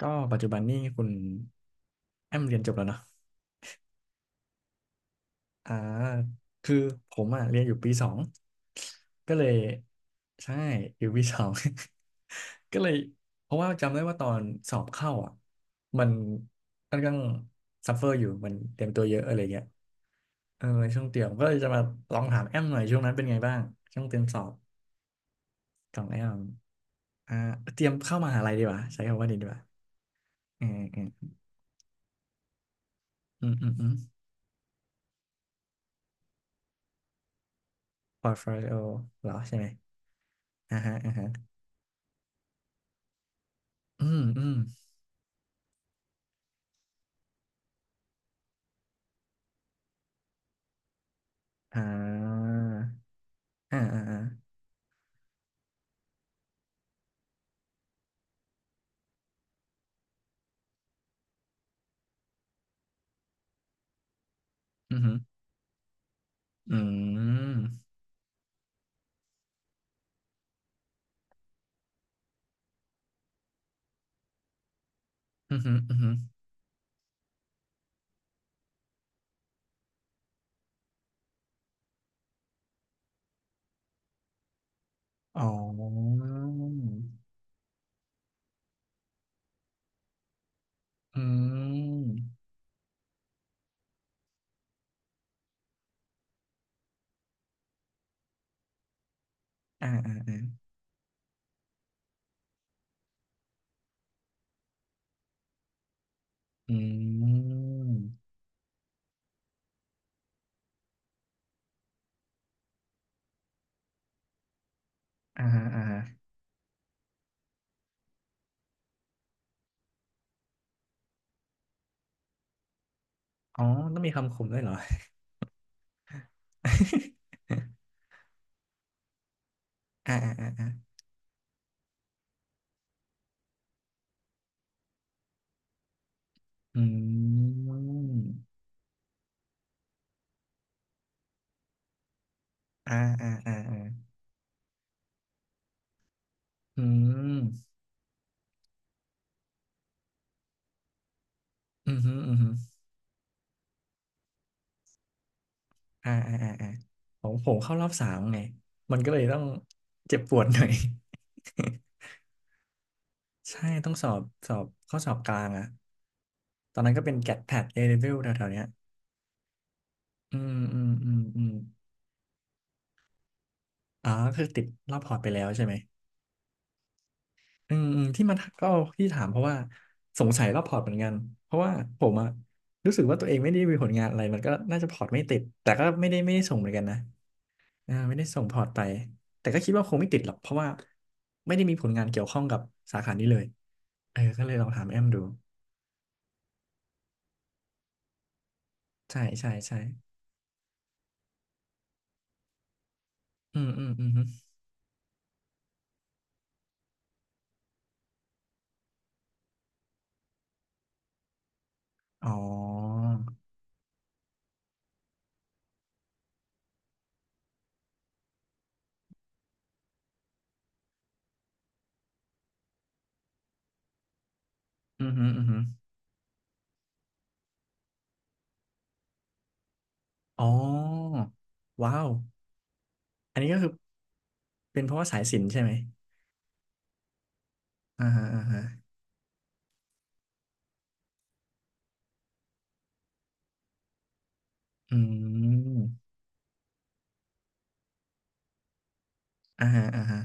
ก็ปัจจุบันนี่คุณแอมเรียนจบแล้วเนาะอ่าคือผมอ่ะเรียนอยู่ปีสองก็เลยใช่อยู่ปีสอง ก็เลยเพราะว่าจำได้ว่าตอนสอบเข้าอ่ะมันค่อนข้างซัฟเฟอร์อยู่มันเตรียมตัวเยอะอะไรเงี้ยเออช่วงเตรียมก็เลยจะมาลองถามแอมหน่อยช่วงนั้นเป็นไงบ้างช่วงเตรียมสอบของแอมอ่าเตรียมเข้ามหาลัยดีกว่าใช้คำว่านี้ดีกว่าอืมอืมอืมอืมอืมพอร์ตโฟลิโอเหรอใช่ไหม อ่าฮะอ่าฮะอืมอืมอ่าอ่าอ่าอ่าอืมอืมอืมอืมอืมอ๋ออืมอ่าอ่าอ่าอืมอ่าฮะอ่าฮะอ๋อต้องมีคำคมด้วยเหรอ อ่าอ่าอ่าอ่าอืมอ่าอ่าอ่าอ่าอืมอืมฮึอืมฮึอ่าอ่าอ่าอ่าผมเข้ารอบ 3ไงมันก็เลยต้องเจ็บปวดหน่อย ใช่ต้องสอบสอบข้อสอบกลางอะตอนนั้นก็เป็นแกดแพดเอเ v e วแถวๆเนี้ยอืมอืมอืมอืมอ๋อคือติดรอบพอร์ตไปแล้วใช่ไหมอืมอืมที่มันก็ที่ถามเพราะว่าสงสัยรอบพอร์ตเหมือนกัน เพราะว่าผมอะรู้สึกว่าตัวเองไม่ได้มีผลงานอะไรมันก็น่าจะพอร์ตไม่ติดแต่ก็ไม่ได้ส่งเหมือนกันนะอ่าไม่ได้ส่งพอร์ตไปแต่ก็คิดว่าคงไม่ติดหรอกเพราะว่าไม่ได้มีผลงานเกี่ยวข้องกับสาขานี้เลยเออก็เลยลองถามแอมดูใช่ใช่ใช่อืมอืมอืมอมอ๋อ อือหืออือหืออ๋อว้าวอันนี้ก็คือเป็นเพราะว่าสายสิญจน์ใช่ไหมอ่าฮะอ่าฮะอืมอ่าฮะอ่าฮะ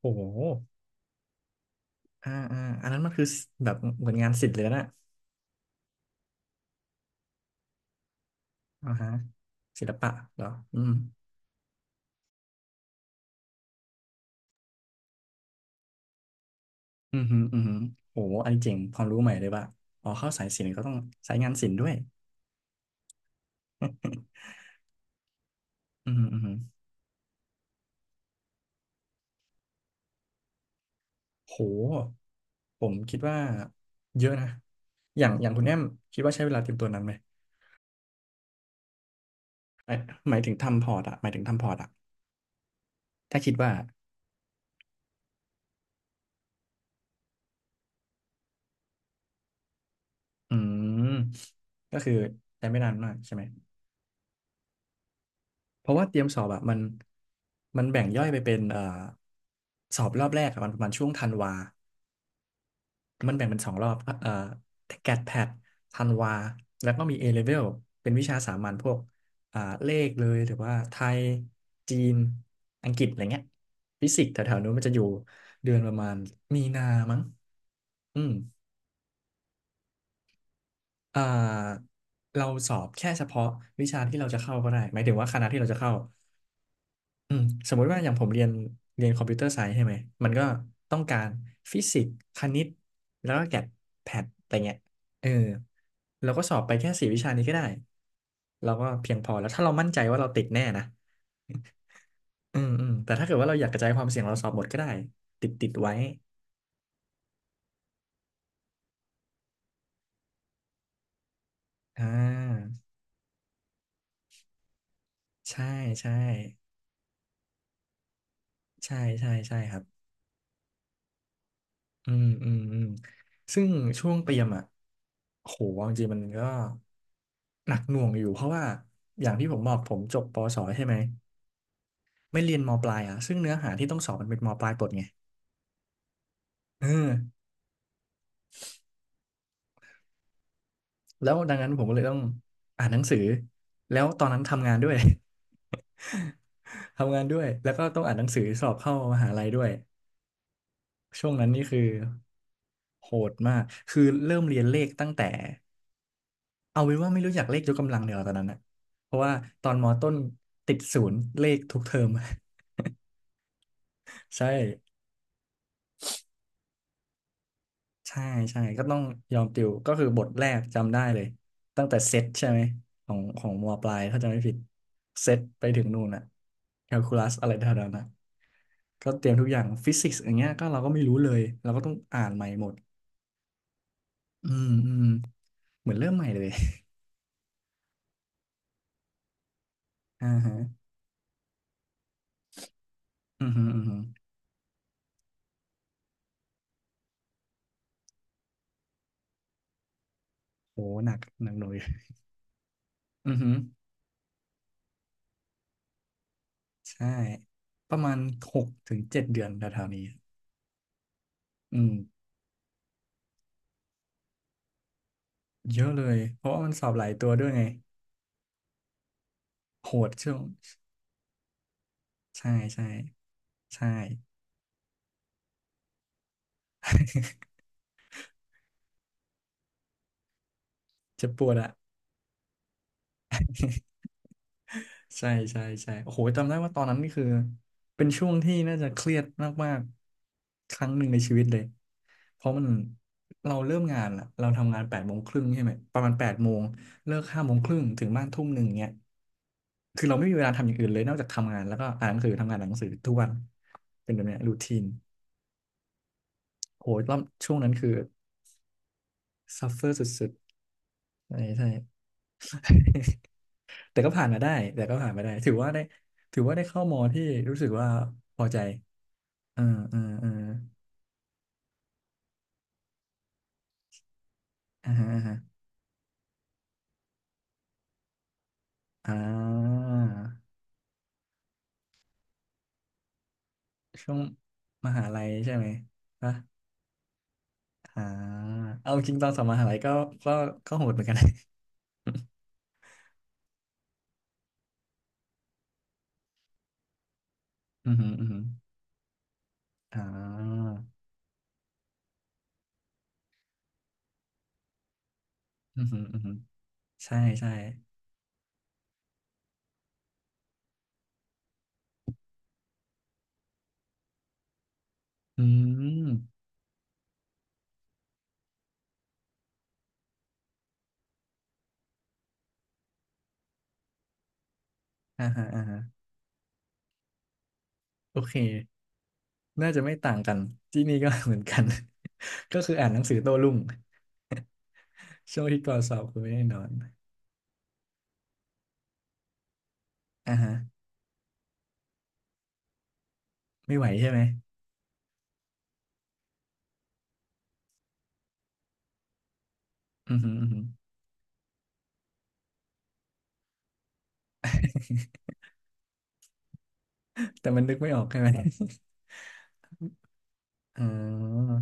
โอ้โหอ่าอ่าอันนั้นมันคือแบบเหมือนงานศิลป์เลยนะอ่าฮะศิลปะเหรออืมอือหืออือหือโอ้โหอันนี้เจ๋งความรู้ใหม่เลยว่ะอ๋อเข้าสายศิลป์ก็ต้องสายงานศิลป์ด้วยอือหืออือหือโหผมคิดว่าเยอะนะ อย่างคุณแอมคิดว่าใช้เวลาเตรียมตัวนั้นไหมหมายหมายถึงทำพอร์ตอะหมายถึงทำพอร์ตอะ ถ้าคิดว่า อืม ก็คือใช้ไม่นานมากใช่ไหม เพราะว่าเตรียมสอบอะมันแบ่งย่อยไปเป็นสอบรอบแรกอะมันประมาณช่วงธันวา มันแบ่งเป็น2 รอบแกดแพดธันวา แล้วก็มี A level เป็นวิชาสามัญพวกอ่าเลขเลยหรือว่าไทย จีน อังกฤษอะไรเงี้ยฟิสิกส์แถวๆนู้นมันจะอยู่เดือนประมาณมีนามั้งอืม เอ่อเราสอบแค่เฉพาะวิชาที่เราจะเข้าก็ได้หมายถึงว่าคณะที่เราจะเข้าอืมสมมุติว่าอย่างผมเรียนคอมพิวเตอร์ไซส์ใช่ไหมมันก็ต้องการฟิสิกส์คณิตแล้วก็แกดแพดอะไรเงี้ยเออเราก็สอบไปแค่4 วิชานี้ก็ได้เราก็เพียงพอแล้วถ้าเรามั่นใจว่าเราติดแน่นะอืมอืมแต่ถ้าเกิดว่าเราอยากกระจายความเสี่ยงเราสอบหมดก็ได้ติดติดไว้อ่าใช่ใช่ใช่ใช่ใช่ครับ อืมอืมอืมซึ่งช่วงเตรียมอ่ะโหเอาจริงๆมันก็หนักหน่วงอยู่เพราะว่าอย่างที่ผมบอกผมจบปอสอใช่ไหมไม่เรียนมปลายอ่ะซึ่งเนื้อหาที่ต้องสอบมันเป็นมปลายปลดไงเออแล้วดังนั้นผมก็เลยต้องอ่านหนังสือแล้วตอนนั้นทำงานด้วย ทำงานด้วยแล้วก็ต้องอ่านหนังสือสอบเข้ามหาลัยด้วยช่วงนั้นนี่คือโหดมากคือเริ่มเรียนเลขตั้งแต่ เอาเป็นว่าไม่รู้จักเลขยกกำลังเดียวาตอนนั้นนะเพราะว่าตอนมอต้นติดศูนย์เลขทุกเทอม ใช่ใช่ใช่ก็ต้องยอมติวก็คือบทแรกจำได้เลยตั้งแต่เซตใช่ไหมของมอปลายถ้าจำไม่ผิดเซตไปถึงนู่นอะแคลคูลัสอะไรเท่านั้นนะก็เตรียมทุกอย่างฟิสิกส์อย่างเงี้ยก็เราก็ไม่รู้เลยเราก็ต้องอ่านใหม่หมดอืมอืมเหมือนเริ่มใหม่เลย อ่าฮะอือฮึอือฮึโหหนักหนักหน่อยอือฮึ ใช่ประมาณ6 ถึง 7 เดือนแถวๆนี้อืมเยอะเลยเพราะว่ามันสอบหลายตัวด้วยไงโหดช่วงใช่ใช่ใช่ เจ็บปวดอะใช่ใช่ใช่โอ้โหจำได้ว่าตอนนั้นนี่คือเป็นช่วงที่น่าจะเครียดมากๆครั้งหนึ่งในชีวิตเลยเพราะมันเราเริ่มงานอะเราทำงาน8 โมงครึ่งใช่ไหมประมาณแปดโมงเลิก5 โมงครึ่งถึงบ้าน1 ทุ่มเงี้ย คือเราไม่มีเวลาทำอย่างอื่นเลยนอกจากทำงานแล้วก็อ่านหนังสือทำงานอ่านหนังสือทุกวันเป็นแบบเนี้ยรูทีนโหรอบช่วงนั้นคือซัฟเฟอร์สุดๆใช่ใช่แต่ก็ผ่านมาได้แต่ก็ผ่านมาได้ถือว่าได้ถือว่าได้เข้ามอที่รู้สึกว่าพอใจเออเออเอออ่าฮะอ่าฮะอ่าช่วงมหาลัยใช่ไหมปะอ่าเอาจริงตอนสอบมหาลัยก็ก็ก็โหดเหมือนกัน อือ หืออือหืออ่าอือหืออือหือใช่ใช่ อืมอ่าฮะอ่าฮะโอเคน่าจะไม่ต่างกันที่นี่ก็ เหมือนกัน ก็คืออ่านหนังสือโต้รุ่งช่วงที่ก่อนสอบคือไม่ได้นอนอ่าฮะไม่ไหวใช่ไหมอือฮึอือฮึแต่มันนึกไม่ออกใช่ไหม อ๋อ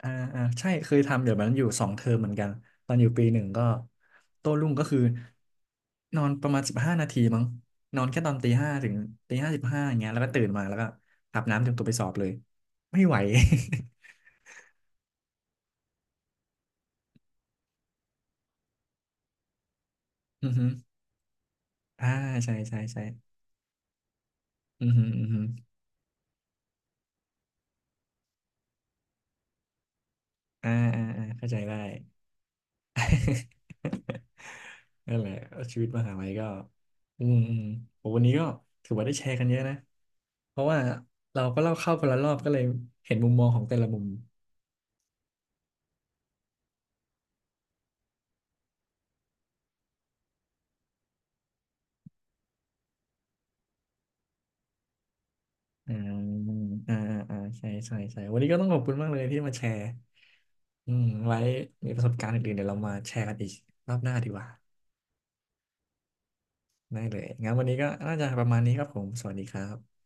อ่าอ่าใช่เคยทำเดี๋ยวมันอยู่2 เทอมเหมือนกันตอนอยู่ปี 1ก็โต้รุ่งก็คือนอนประมาณ15 นาทีมั้งนอนแค่ตอนตีห้าถึงตี 5 15อย่างเงี้ยแล้วก็ตื่นมาแล้วก็อาบน้ำเตรียมตัวไปสอบเลยไม่ไหว อือฮึ อ่าใช่ใช่ใช่อือหืออือหืออ่าอ่าอ่าเข้าใจได้ นั่นแหละชีวิตมหาลัยก็อืมอืมโหวันนี้ก็ถือว่าได้แชร์กันเยอะนะ เพราะว่าเราก็เล่าเข้าคนละรอบก็เลยเห็นมุมมองของแต่ละมุมอ่าอ่าอ่าอ่าใช่ใช่ใช่วันนี้ก็ต้องขอบคุณมากเลยที่มาแชร์อืมไว้มีประสบการณ์อื่นๆเดี๋ยวเรามาแชร์กันอีกรอบหน้าดีกว่าได้เลยงั้นวันนี้ก็น่าจะประมาณนี้ครับผมสวัสดีครับ